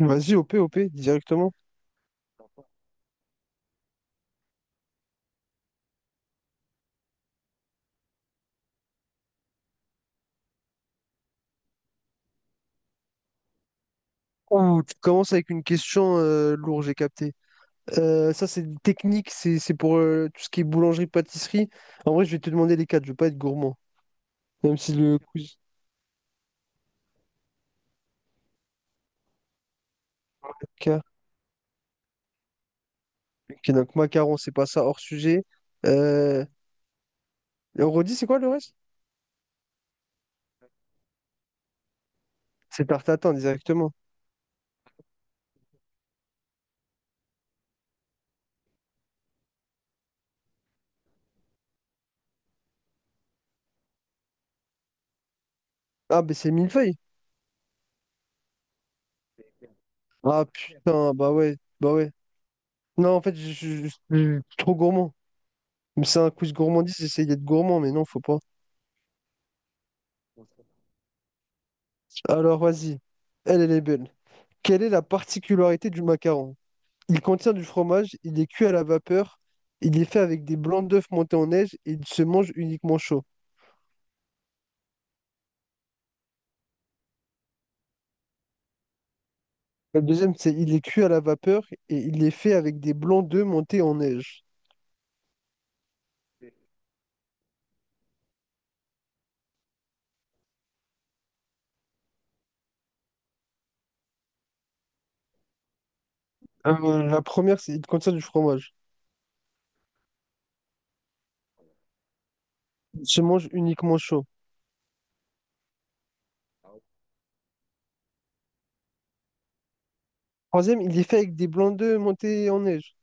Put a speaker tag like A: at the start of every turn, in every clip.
A: Vas-y, OP, OP, directement. Ouh, tu commences avec une question lourde, j'ai capté. Ça, c'est une technique, c'est pour tout ce qui est boulangerie, pâtisserie. En vrai, je vais te demander les quatre, je veux pas être gourmand. Même si le quiz. Ok, ok, donc macaron, c'est pas ça, hors sujet. Euh... et on redit, c'est quoi le reste? C'est tarte tatin, directement. Ah, ben c'est millefeuille. Ah putain, bah ouais, bah ouais. Non, en fait, je suis trop gourmand. Mais c'est un quiz gourmandise, j'essaye d'être gourmand, mais non, faut pas. Alors, vas-y. Elle, elle est belle. Quelle est la particularité du macaron? Il contient du fromage, il est cuit à la vapeur, il est fait avec des blancs d'œufs montés en neige et il se mange uniquement chaud. Le deuxième, c'est il est cuit à la vapeur et il est fait avec des blancs d'œufs montés en neige. La première, c'est il contient du fromage. Il se mange uniquement chaud. Troisième, il est fait avec des blancs d'œufs montés en neige.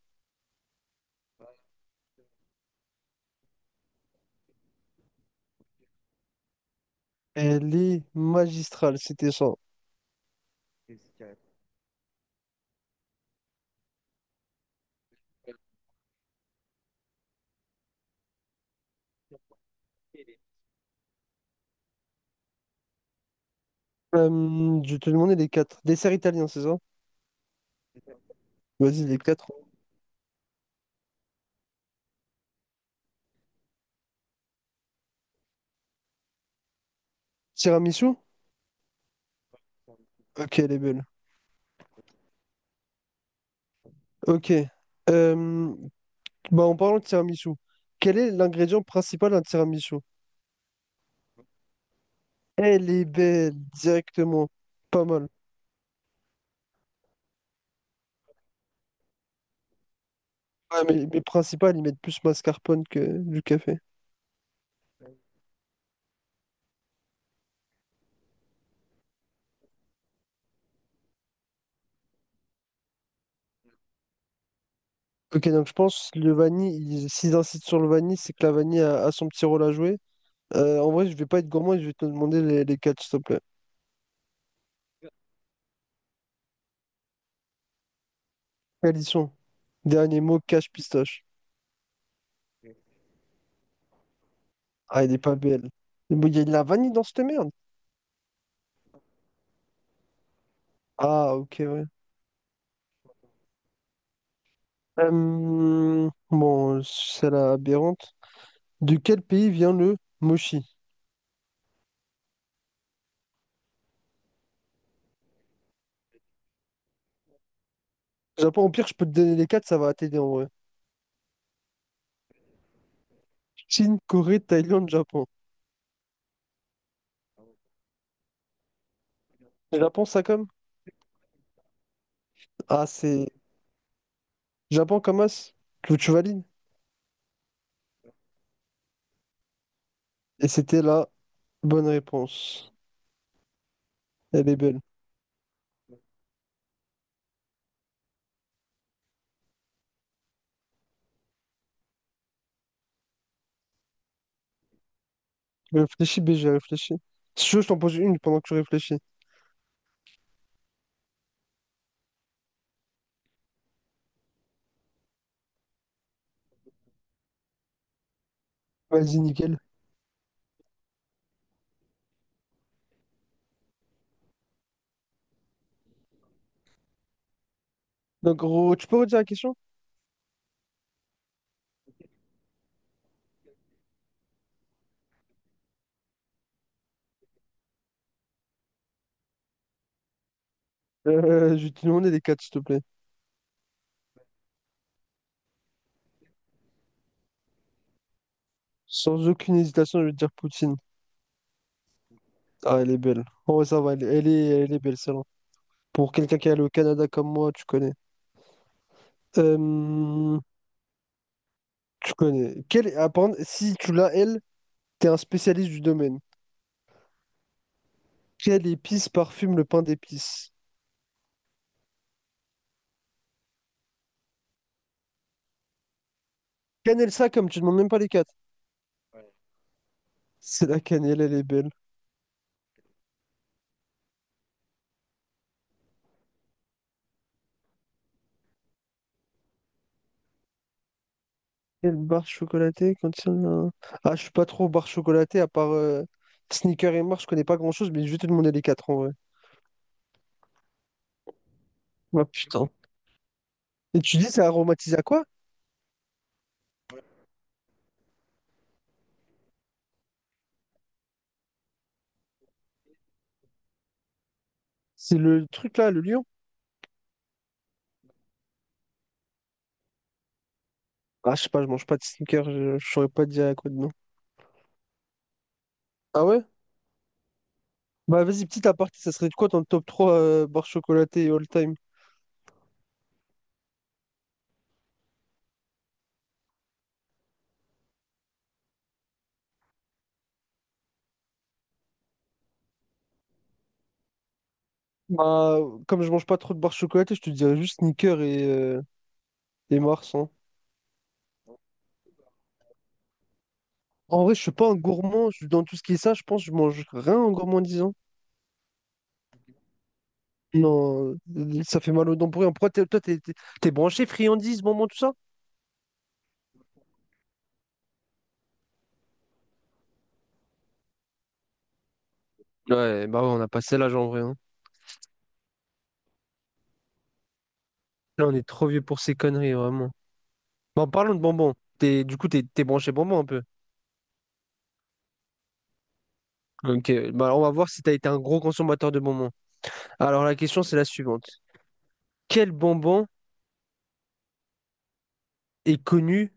A: Elle est magistrale, c'était ça. Euh, je te demandais les quatre. Dessert italien, c'est ça? Vas-y, les quatre. Tiramisu? Ok, elle est belle. Ok. Euh, Bah, en parlant de tiramisu, quel est l'ingrédient principal d'un tiramisu? Elle est belle, directement. Pas mal. Ouais, mais principal, ils mettent plus mascarpone que du café. Ok, donc je pense le vanille, ils- s'ils insistent sur le vanille, c'est que la vanille a son petit rôle à jouer. En vrai, je vais pas être gourmand, et je vais te demander les quatre, s'il te plaît. Quels ils sont? Dernier mot, cache pistache. Ah, elle est pas belle. Mais il y a de la vanille dans cette merde. Ah, ok, ouais. Bon, c'est la aberrante. De quel pays vient le mochi? Japon, au pire, je peux te donner les quatre, ça va t'aider en vrai. Chine, Corée, Thaïlande, Japon. Japon, ça comme? Ah, c'est Japon comme as. Que tu valides? Et c'était la bonne réponse. Elle est belle. Réfléchis, BG, réfléchi. Si tu veux, je t'en pose une pendant que tu réfléchis. Vas-y, nickel. Donc, gros, tu peux redire la question? Je vais te demander les quatre, s'il te plaît. Sans aucune hésitation, je vais te dire Poutine. Ah, elle est belle. Oh, ça va, elle, elle est belle, celle-là. Pour quelqu'un qui est allé au Canada comme moi, tu connais. Euh, Tu connais. Quelle... apparemment, si tu l'as, elle, t'es un spécialiste du domaine. Quelle épice parfume le pain d'épices? Cannelle ça comme tu demandes même pas les quatre. C'est la cannelle, elle est belle. Quelle barre chocolatée contient un... Ah, je suis pas trop barre chocolatée, à part Sneaker et Mars, je connais pas grand-chose, mais je vais te demander les quatre en vrai. Ah putain. Et tu dis, c'est aromatisé à quoi? C'est le truc là, le lion? Ah, je sais pas, je mange pas de Sneaker, je saurais pas te dire à quoi de nom. Ah ouais? Bah vas-y, petit aparté, ça serait de quoi ton top 3 barres chocolatées all time? Bah, comme je mange pas trop de barres chocolatées, je te dirais juste Snickers et Mars, hein. En vrai, je suis pas un gourmand. Je- dans tout ce qui est ça, je pense que je mange rien en gourmandisant. Non, ça fait mal aux dents pour rien. Pourquoi t'es- toi, t'es branché friandises, bonbons, tout ça? Ouais, bah ouais, on a passé l'âge en vrai, hein. Là, on est trop vieux pour ces conneries, vraiment. Bon, parlons de bonbons. T'es, du coup, t'es branché bonbons un peu. Ok, bah on va voir si t'as été un gros consommateur de bonbons. Alors, la question, c'est la suivante. Quel bonbon est connu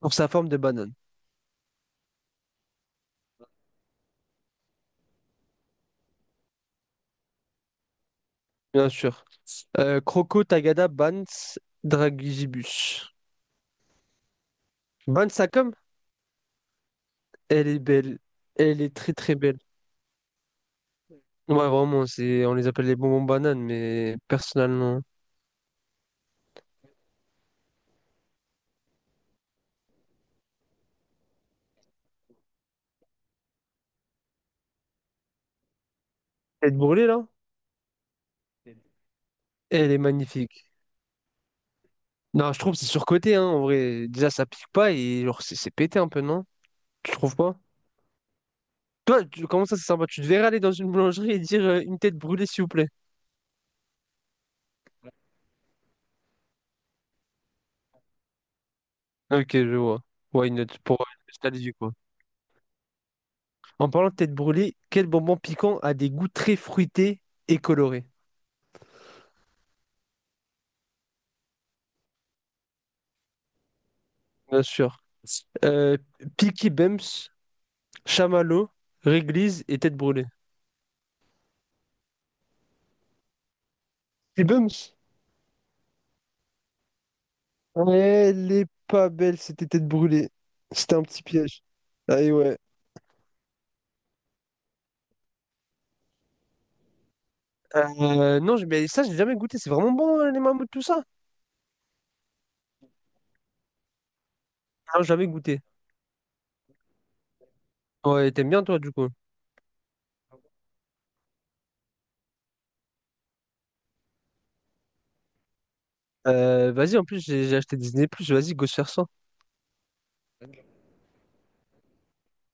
A: pour sa forme de banane? Bien sûr. Croco, Tagada, Bans, Dragibus. Bans, ça comme? Elle est belle. Elle est très très belle. Ouais, vraiment, c'est... on les appelle les bonbons bananes, mais personnellement. Elle est brûlée là? Elle est magnifique. Non, je trouve que c'est surcoté, hein, en vrai. Déjà, ça pique pas et genre, c'est pété un peu, non? Tu trouves pas? Toi, tu- comment ça, c'est sympa? Tu devrais aller dans une boulangerie et dire une tête brûlée, s'il vous plaît. Ok, je vois. Why not? Pour nostalgie, quoi. En parlant de tête brûlée, quel bonbon piquant a des goûts très fruités et colorés? Bien sûr. Euh, Peaky Bums, Chamallow, Réglise et Tête Brûlée. Peaky Bums? Elle est pas belle, c'était Tête Brûlée. C'était un petit piège. Ah et ouais. Non, j'ai- mais ça, j'ai jamais goûté. C'est vraiment bon, les mammouths, tout ça? Non, j'ai jamais goûté. Ouais, t'aimes bien, toi, du coup. Vas-y, en plus, j'ai acheté Disney+, vas-y, go se faire ça.